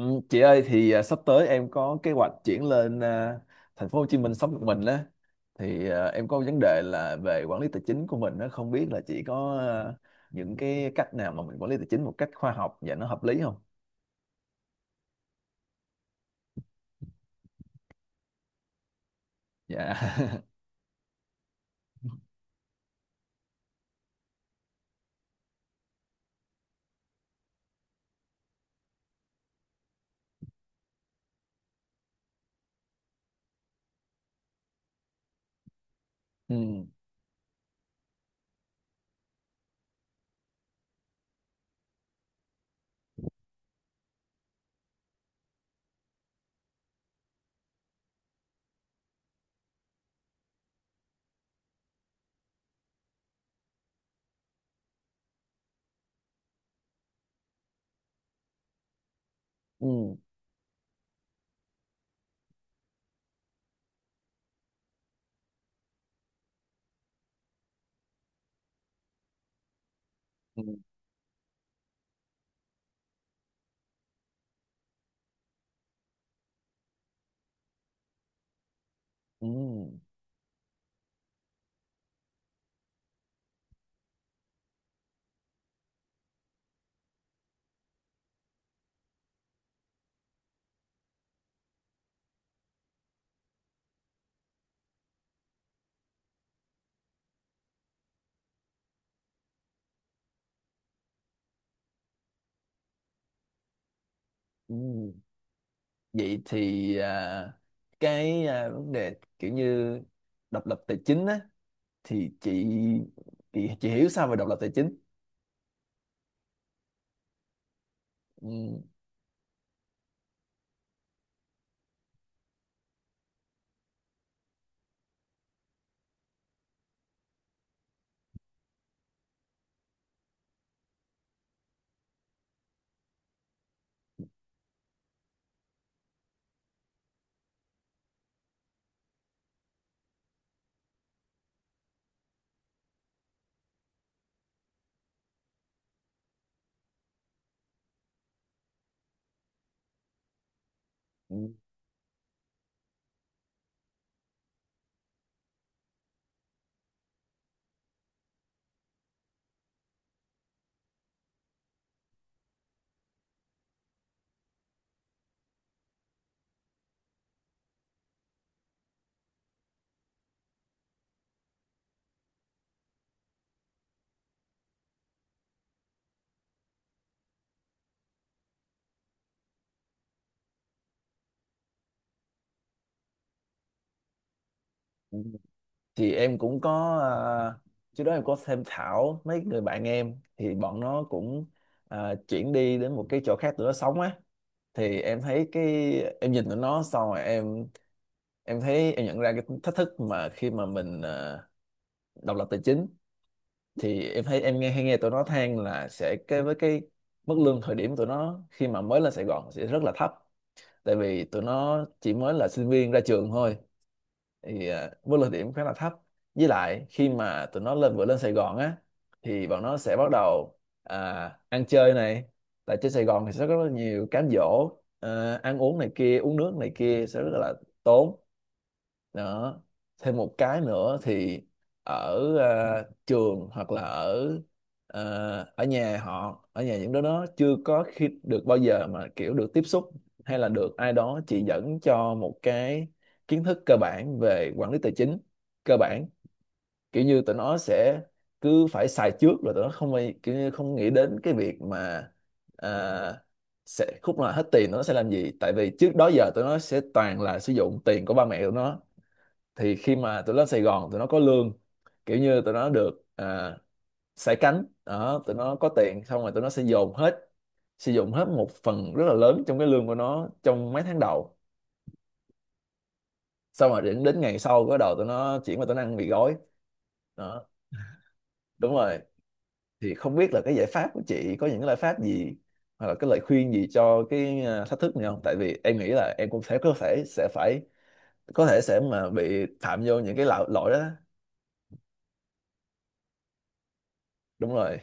Ừ, chị ơi thì sắp tới em có kế hoạch chuyển lên thành phố Hồ Chí Minh sống một mình á. Thì em có vấn đề là về quản lý tài chính của mình, nó không biết là chị có những cái cách nào mà mình quản lý tài chính một cách khoa học và nó hợp lý không? Dạ. Ừ. Ừ. Ừ. Ừ. Ừ. Vậy thì cái vấn đề kiểu như độc lập tài chính á, thì chị hiểu sao về độc lập tài chính? Ừ. Ừ. Ừ. Thì em cũng có trước đó em có tham khảo mấy người bạn em thì bọn nó cũng chuyển đi đến một cái chỗ khác tụi nó sống á. Thì em thấy cái em nhìn tụi nó xong rồi em thấy em nhận ra cái thách thức mà khi mà mình độc lập tài chính. Thì em thấy em nghe hay nghe tụi nó than là sẽ cái với cái mức lương thời điểm tụi nó khi mà mới lên Sài Gòn sẽ rất là thấp, tại vì tụi nó chỉ mới là sinh viên ra trường thôi. Thì vô lực điểm khá là thấp. Với lại khi mà tụi nó lên vừa lên Sài Gòn á thì bọn nó sẽ bắt đầu ăn chơi này, tại trên Sài Gòn thì sẽ có rất là nhiều cám dỗ, ăn uống này kia, uống nước này kia sẽ rất là tốn đó. Thêm một cái nữa thì ở trường hoặc là ở à, ở nhà họ ở nhà những đứa nó chưa có khi được bao giờ mà kiểu được tiếp xúc hay là được ai đó chỉ dẫn cho một cái kiến thức cơ bản về quản lý tài chính cơ bản. Kiểu như tụi nó sẽ cứ phải xài trước, là tụi nó không kiểu như không nghĩ đến cái việc mà à, sẽ khúc nào hết tiền nó sẽ làm gì, tại vì trước đó giờ tụi nó sẽ toàn là sử dụng tiền của ba mẹ tụi nó. Thì khi mà tụi nó lên Sài Gòn tụi nó có lương, kiểu như tụi nó được sải cánh đó, tụi nó có tiền xong rồi tụi nó sẽ dồn hết sử dụng hết một phần rất là lớn trong cái lương của nó trong mấy tháng đầu. Xong rồi đến ngày sau cái đầu tụi nó chuyển qua tụi nó ăn mì gói đó. Đúng rồi. Thì không biết là cái giải pháp của chị có những cái giải pháp gì hoặc là cái lời khuyên gì cho cái thách thức này không, tại vì em nghĩ là em cũng sẽ có thể sẽ phải có thể sẽ mà bị phạm vô những cái lỗi lỗi đó. Đúng rồi.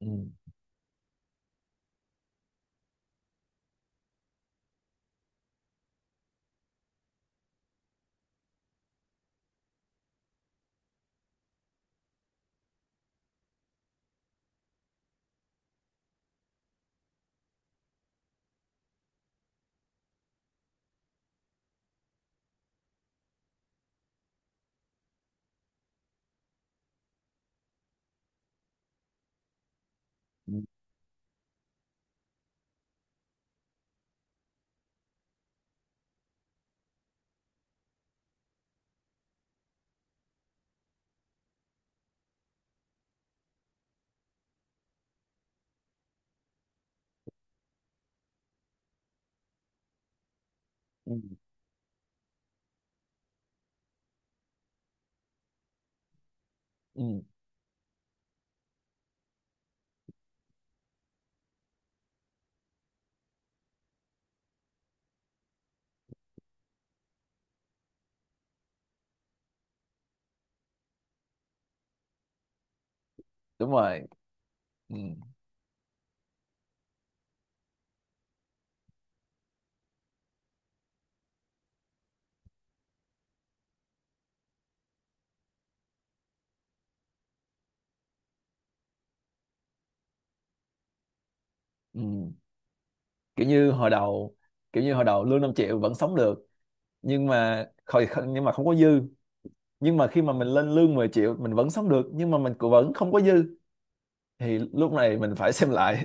Ừ. Ừ. Ừ. Ừ. Đúng rồi. Ừ. Ừ. kiểu như hồi đầu kiểu như hồi đầu lương 5 triệu vẫn sống được, nhưng mà khỏi, nhưng mà không có dư. Nhưng mà khi mà mình lên lương 10 triệu mình vẫn sống được, nhưng mà mình cũng vẫn không có dư. Thì lúc này mình phải xem lại.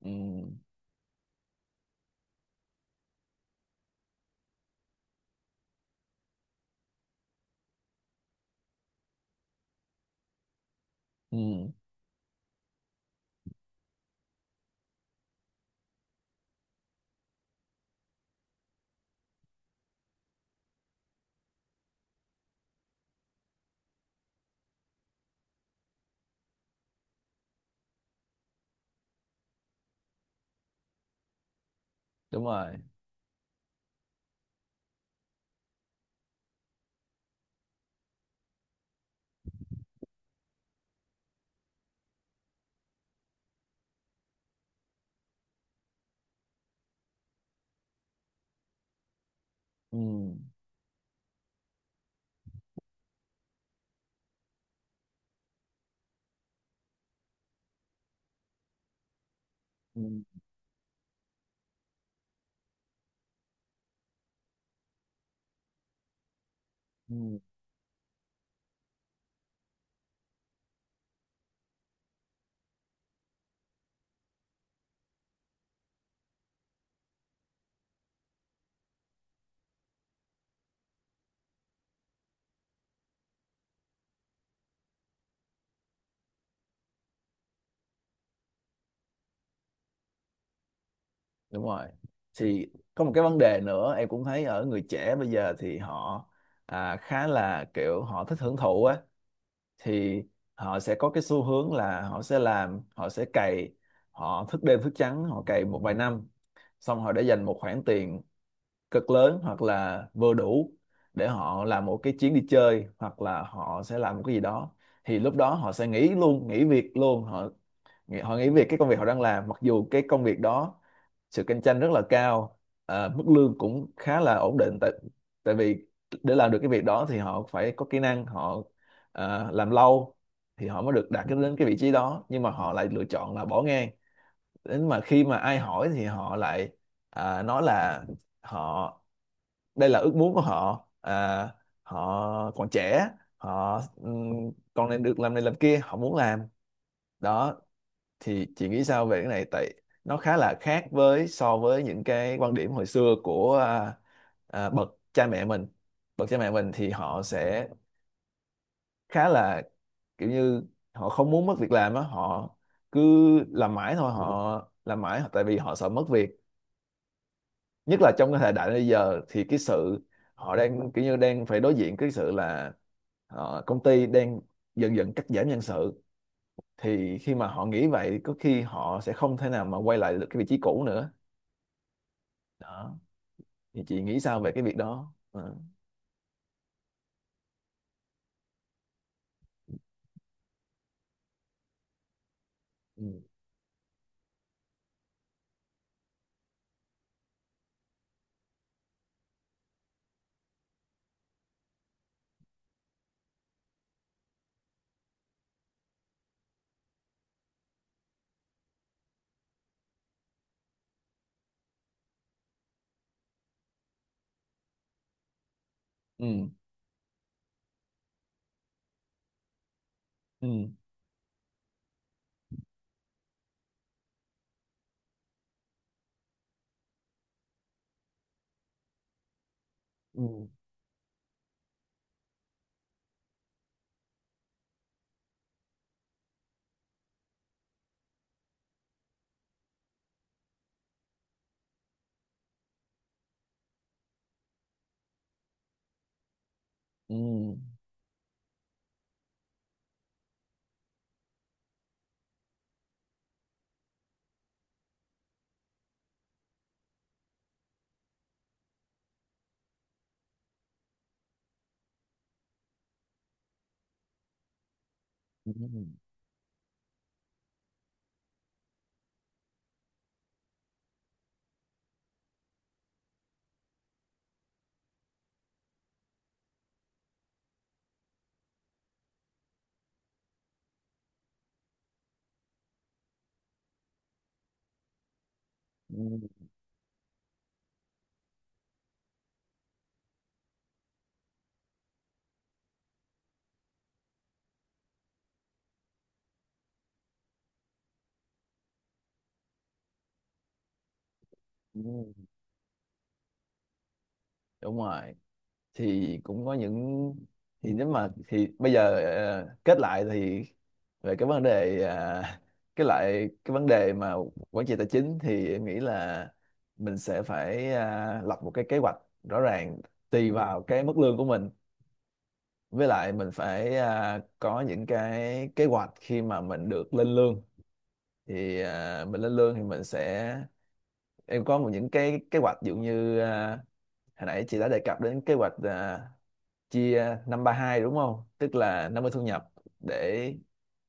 Ừ, ừ, đúng rồi. Ừ, ừ, ừ, đúng rồi. Thì có một cái vấn đề nữa em cũng thấy ở người trẻ bây giờ, thì họ khá là kiểu họ thích hưởng thụ á. Thì họ sẽ có cái xu hướng là họ sẽ làm, họ sẽ cày, họ thức đêm thức trắng, họ cày một vài năm, xong họ để dành một khoản tiền cực lớn hoặc là vừa đủ để họ làm một cái chuyến đi chơi hoặc là họ sẽ làm một cái gì đó. Thì lúc đó họ sẽ nghỉ luôn, nghỉ việc luôn. Họ họ nghỉ việc cái công việc họ đang làm, mặc dù cái công việc đó sự cạnh tranh rất là cao, mức lương cũng khá là ổn định. Tại tại vì để làm được cái việc đó thì họ phải có kỹ năng, họ làm lâu thì họ mới được đạt đến cái vị trí đó, nhưng mà họ lại lựa chọn là bỏ ngang. Đến mà khi mà ai hỏi thì họ lại nói là họ đây là ước muốn của họ, họ còn trẻ, họ còn nên được làm này làm kia, họ muốn làm đó. Thì chị nghĩ sao về cái này, tại nó khá là khác với so với những cái quan điểm hồi xưa của bậc cha mẹ mình. Bậc cha mẹ mình thì họ sẽ khá là kiểu như họ không muốn mất việc làm á, họ cứ làm mãi thôi, họ làm mãi tại vì họ sợ mất việc. Nhất là trong cái thời đại bây giờ thì cái sự họ đang kiểu như đang phải đối diện cái sự là công ty đang dần dần cắt giảm nhân sự. Thì khi mà họ nghĩ vậy có khi họ sẽ không thể nào mà quay lại được cái vị trí cũ nữa đó. Thì chị nghĩ sao về cái việc đó? Ờ. Ừ ừ ừ ừ ừ ừ ừ ừ. Ừ, ừ, đúng rồi. Thì cũng có những thì nếu mà thì bây giờ kết lại thì về cái vấn đề cái lại cái vấn đề mà quản trị tài chính thì em nghĩ là mình sẽ phải lập một cái kế hoạch rõ ràng tùy vào cái mức lương của mình. Với lại mình phải có những cái kế hoạch khi mà mình được lên lương. Thì mình lên lương thì mình sẽ em có một những cái kế hoạch. Ví dụ như hồi nãy chị đã đề cập đến kế hoạch chia 532 đúng không? Tức là 50 thu nhập để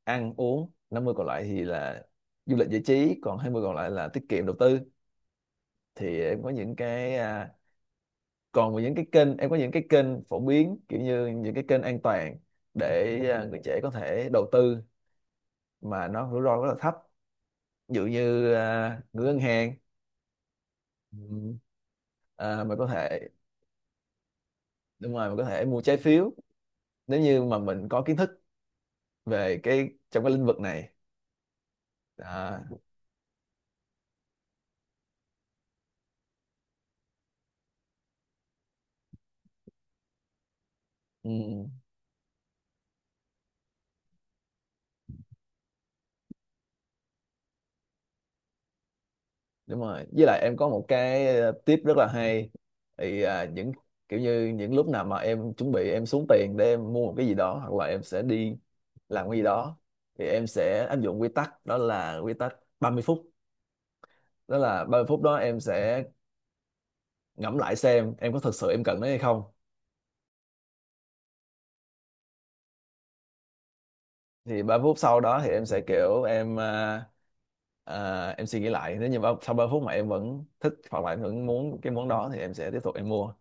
ăn uống, 50 còn lại thì là du lịch giải trí, còn 20 còn lại là tiết kiệm đầu tư. Thì em có những cái còn những cái kênh, em có những cái kênh phổ biến kiểu như những cái kênh an toàn để người trẻ có thể đầu tư mà nó rủi ro rất là thấp. Ví dụ như gửi ngân hàng. Ừm, mình có thể đúng rồi mình có thể mua trái phiếu nếu như mà mình có kiến thức về cái trong cái lĩnh vực này. Đó. Ừ. Đúng rồi, với lại em có một cái tip rất là hay. Thì những kiểu như những lúc nào mà em chuẩn bị em xuống tiền để em mua một cái gì đó hoặc là em sẽ đi làm cái gì đó thì em sẽ áp dụng quy tắc, đó là quy tắc 30 phút. Đó là 30 phút đó em sẽ ngẫm lại xem em có thực sự em cần nó hay không. Thì 30 phút sau đó thì em sẽ kiểu em em suy nghĩ lại. Nếu như sau 30 phút mà em vẫn thích hoặc là em vẫn muốn cái món đó thì em sẽ tiếp tục em mua,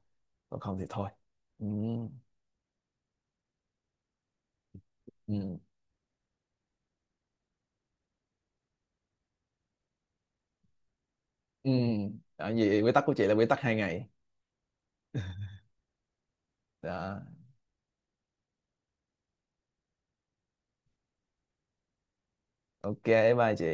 còn không thì thôi. Ừ. Ừ. Ừ. Đó, vậy quy tắc của chị là quy tắc 2 ngày. Đó. Ok, bye chị.